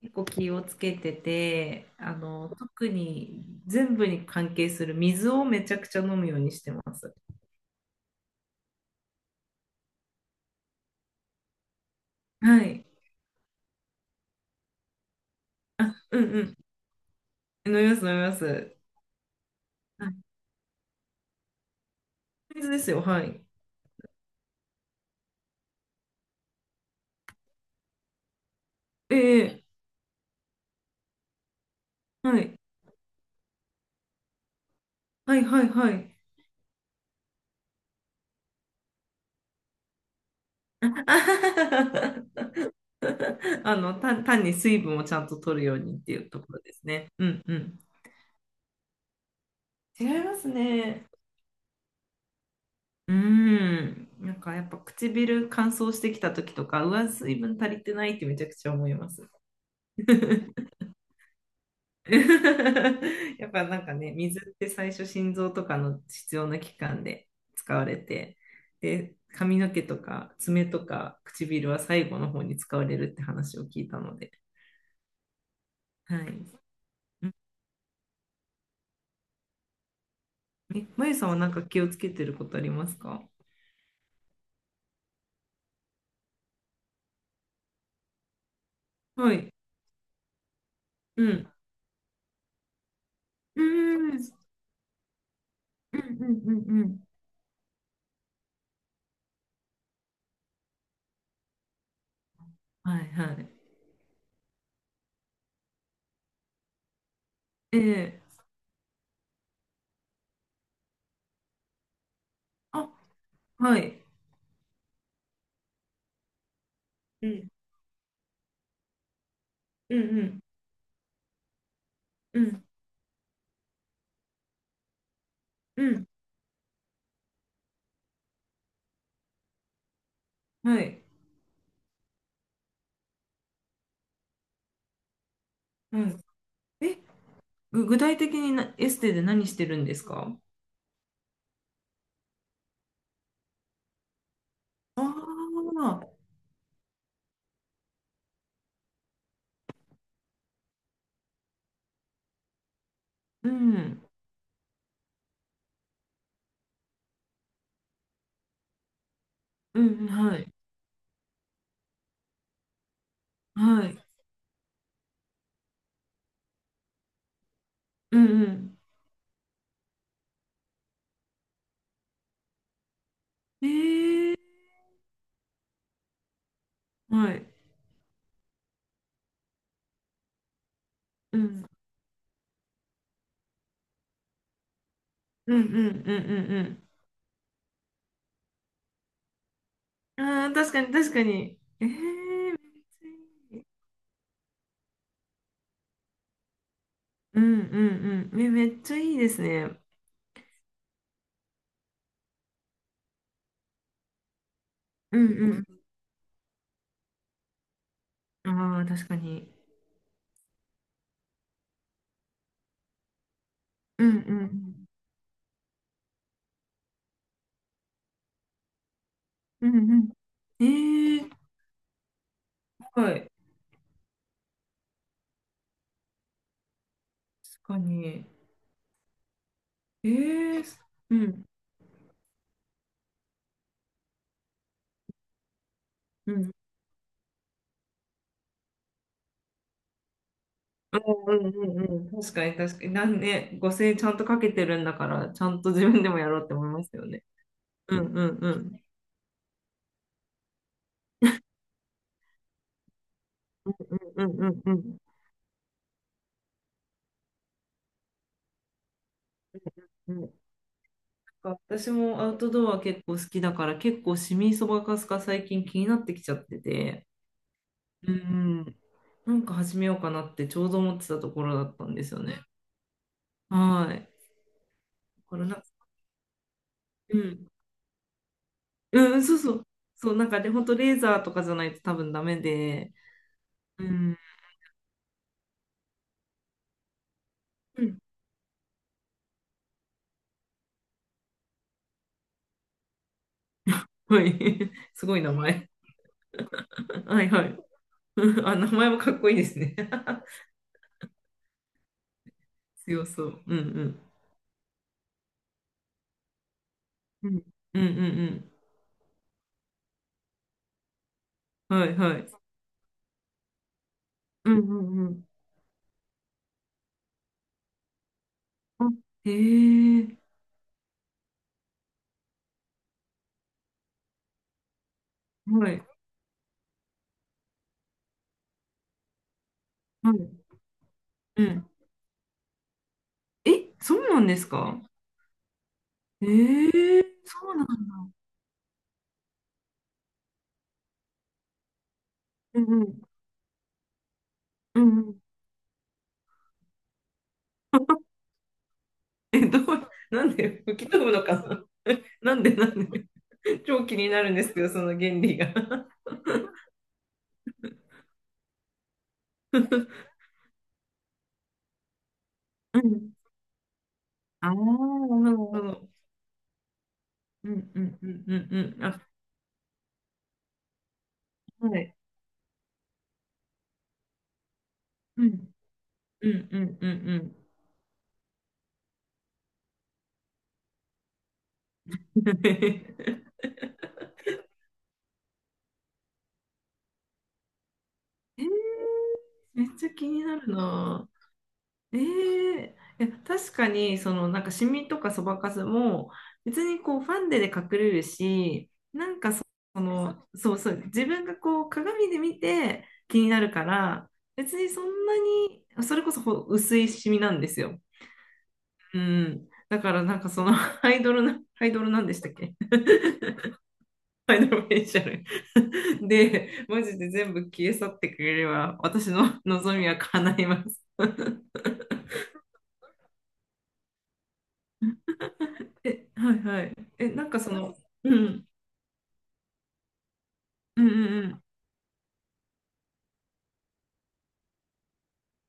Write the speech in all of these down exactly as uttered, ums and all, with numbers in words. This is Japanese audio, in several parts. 結構気をつけてて、あの、特に全部に関係する水をめちゃくちゃ飲むようにしてます。はい。うんうん。飲みます、飲みます。はい、水ですよ、はい。ええ、はい。はい、はい、はい。あはははあの、単、単に水分をちゃんと取るようにっていうところですね。うんうん。違いますね。うん。なんかやっぱ唇乾燥してきた時とか、うわ、水分足りてないってめちゃくちゃ思います。やっぱなんかね、水って最初心臓とかの必要な器官で使われて、で、髪の毛とか爪とか唇は最後の方に使われるって話を聞いたので。はい。うん。え、まゆさんはなんか気をつけてることありますか？はい。うん。うん。うんうんうんうん。はいはい。ええ、あ、はい。うんうんうんうんうん。はい。はい。え、ぐ具体的になエステで何してるんですか？ああ、うん、うん、はい、はい、うん、うん。ええ、はい、うん、うん、うん、うん、うん、うん。ああ、確かに、確かに。ええ、めっちゃいい。うん、うん、うん。め、めっちゃいいですね。うん、うん。ああ、確かに。うん、うん、うん、うん。ええ、はい。確かに。ええ、うん、うん。うんうんうんうん。確かに確かに。なんね、ごせんえんちゃんとかけてるんだから、ちゃんと自分でもやろうって思いますよね。うんうんうん。うんうんうんうんうん。うん。なんか私もアウトドア結構好きだから、結構シミそばかすが最近気になってきちゃってて、うん、なんか始めようかなってちょうど思ってたところだったんですよね。はい。これな、うん。うんうんそうそう。そう、なんかで、本当レーザーとかじゃないと多分ダメで、うん。うん。はい。すごい名前。はいはい。あ、名前もかっこいいですね。強そう。うんうん。うんうんうんうん。はいはい。うんうんうん。あ、へえ。はい。はい。うん。え、そうなんですか？ええ、そうなんだ。うんうん。うんうん。え、どう、なんで吹き飛ぶのかな？ なんでなんで？ 超気になるんですけど、その原理が。うん。ああ、なるほど。うんうんうんうんうん。あ、はい。うんうんうんうん。 えー、めっちゃ気になるな。ええ、いや確かにそのなんかシミとかそばかすも別にこうファンデで隠れるし、なんかそそのそうそう自分がこう鏡で見て気になるから別にそんなにそれこそほ薄いシミなんですよ。うん。だからなんかその アイドルなアイドルなんでしたっけ？フイドルフェイシャル。 で、マジで全部消え去ってくれれば、私の望みは叶います。え、はいはい。え、なんかその、うん、うんうん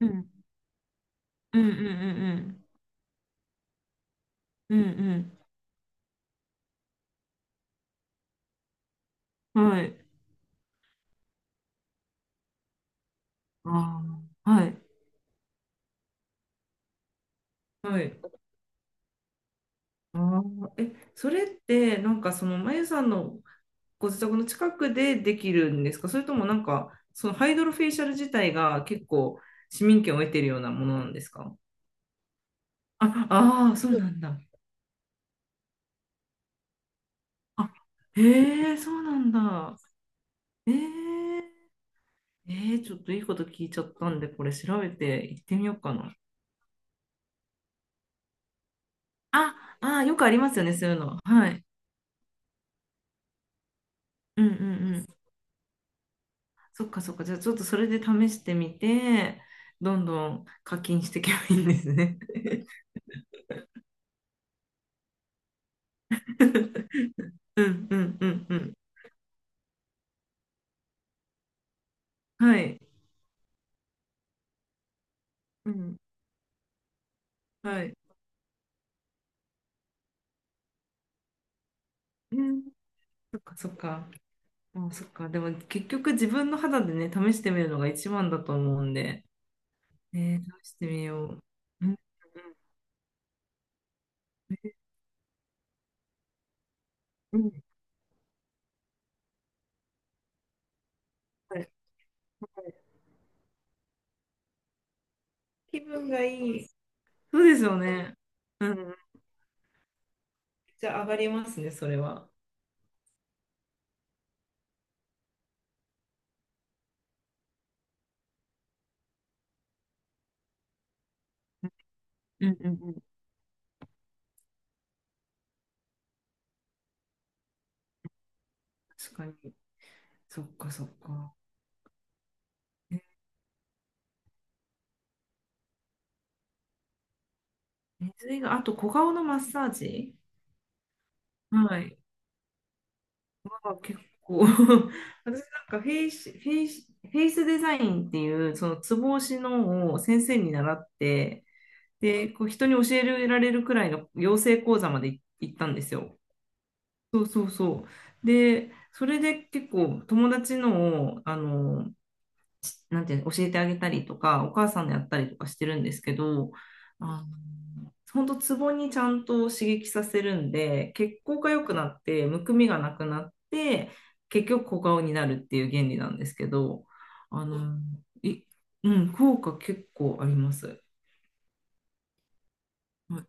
うん、うん、うんうんうんうん、うんうん、はい。ああ、はい、はい。ああ、え、それって、なんかその、まゆさんのご自宅の近くでできるんですか？それともなんか、そのハイドロフェイシャル自体が結構市民権を得てるようなものなんですか？あ、ああ、そうなんだ。あ、へえ、そうなんだ。ええ、ええ、ちょっといいこと聞いちゃったんで、これ調べて行ってみようかな。あ、あ、よくありますよね、そういうの。はい。うんうんうん。そっかそっか。じゃあちょっとそれで試してみて、どんどん課金していけばいいんですね。うんうんうんうん。はい。うん。はい。うん。そっかそっか。あ、そっか。でも結局自分の肌でね、試してみるのが一番だと思うんで、ね、試してみよう。うんうんうん。はい。はい。気分がいい。そうですよね。うん。じゃあ上がりますね、それは。うんうんうん。確かに。そっかそっか。ね、水が、あと小顔のマッサージ。はい。まあ、結構 私なんかフェイス、フェイス、フェイスデザインっていう、そのツボ押しのを先生に習って、で、こう人に教えられるくらいの養成講座まで行ったんですよ。そうそうそう。で、それで結構友達のを、あの、なんていうの、教えてあげたりとか、お母さんのやったりとかしてるんですけど、あの、本当ツボにちゃんと刺激させるんで、血行が良くなって、むくみがなくなって、結局小顔になるっていう原理なんですけど、あの、い、うん、効果結構あります。はい。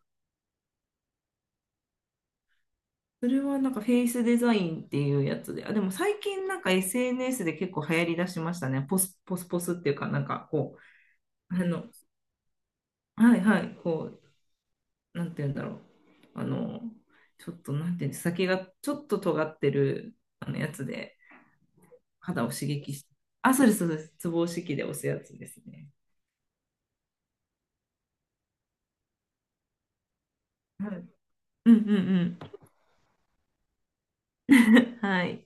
それはなんかフェイスデザインっていうやつで、あ、でも最近なんか エスエヌエス で結構流行りだしましたね。ポス、ポスポスっていうか、なんかこう、あの、はいはい、こなんて言うんだろう。あの、ちょっと、なんて言うんです先がちょっと尖ってるあのやつで、肌を刺激して。あ、そうです、そうです。ツボ押し器で押すやつですね。はい。うんうんうん。はい。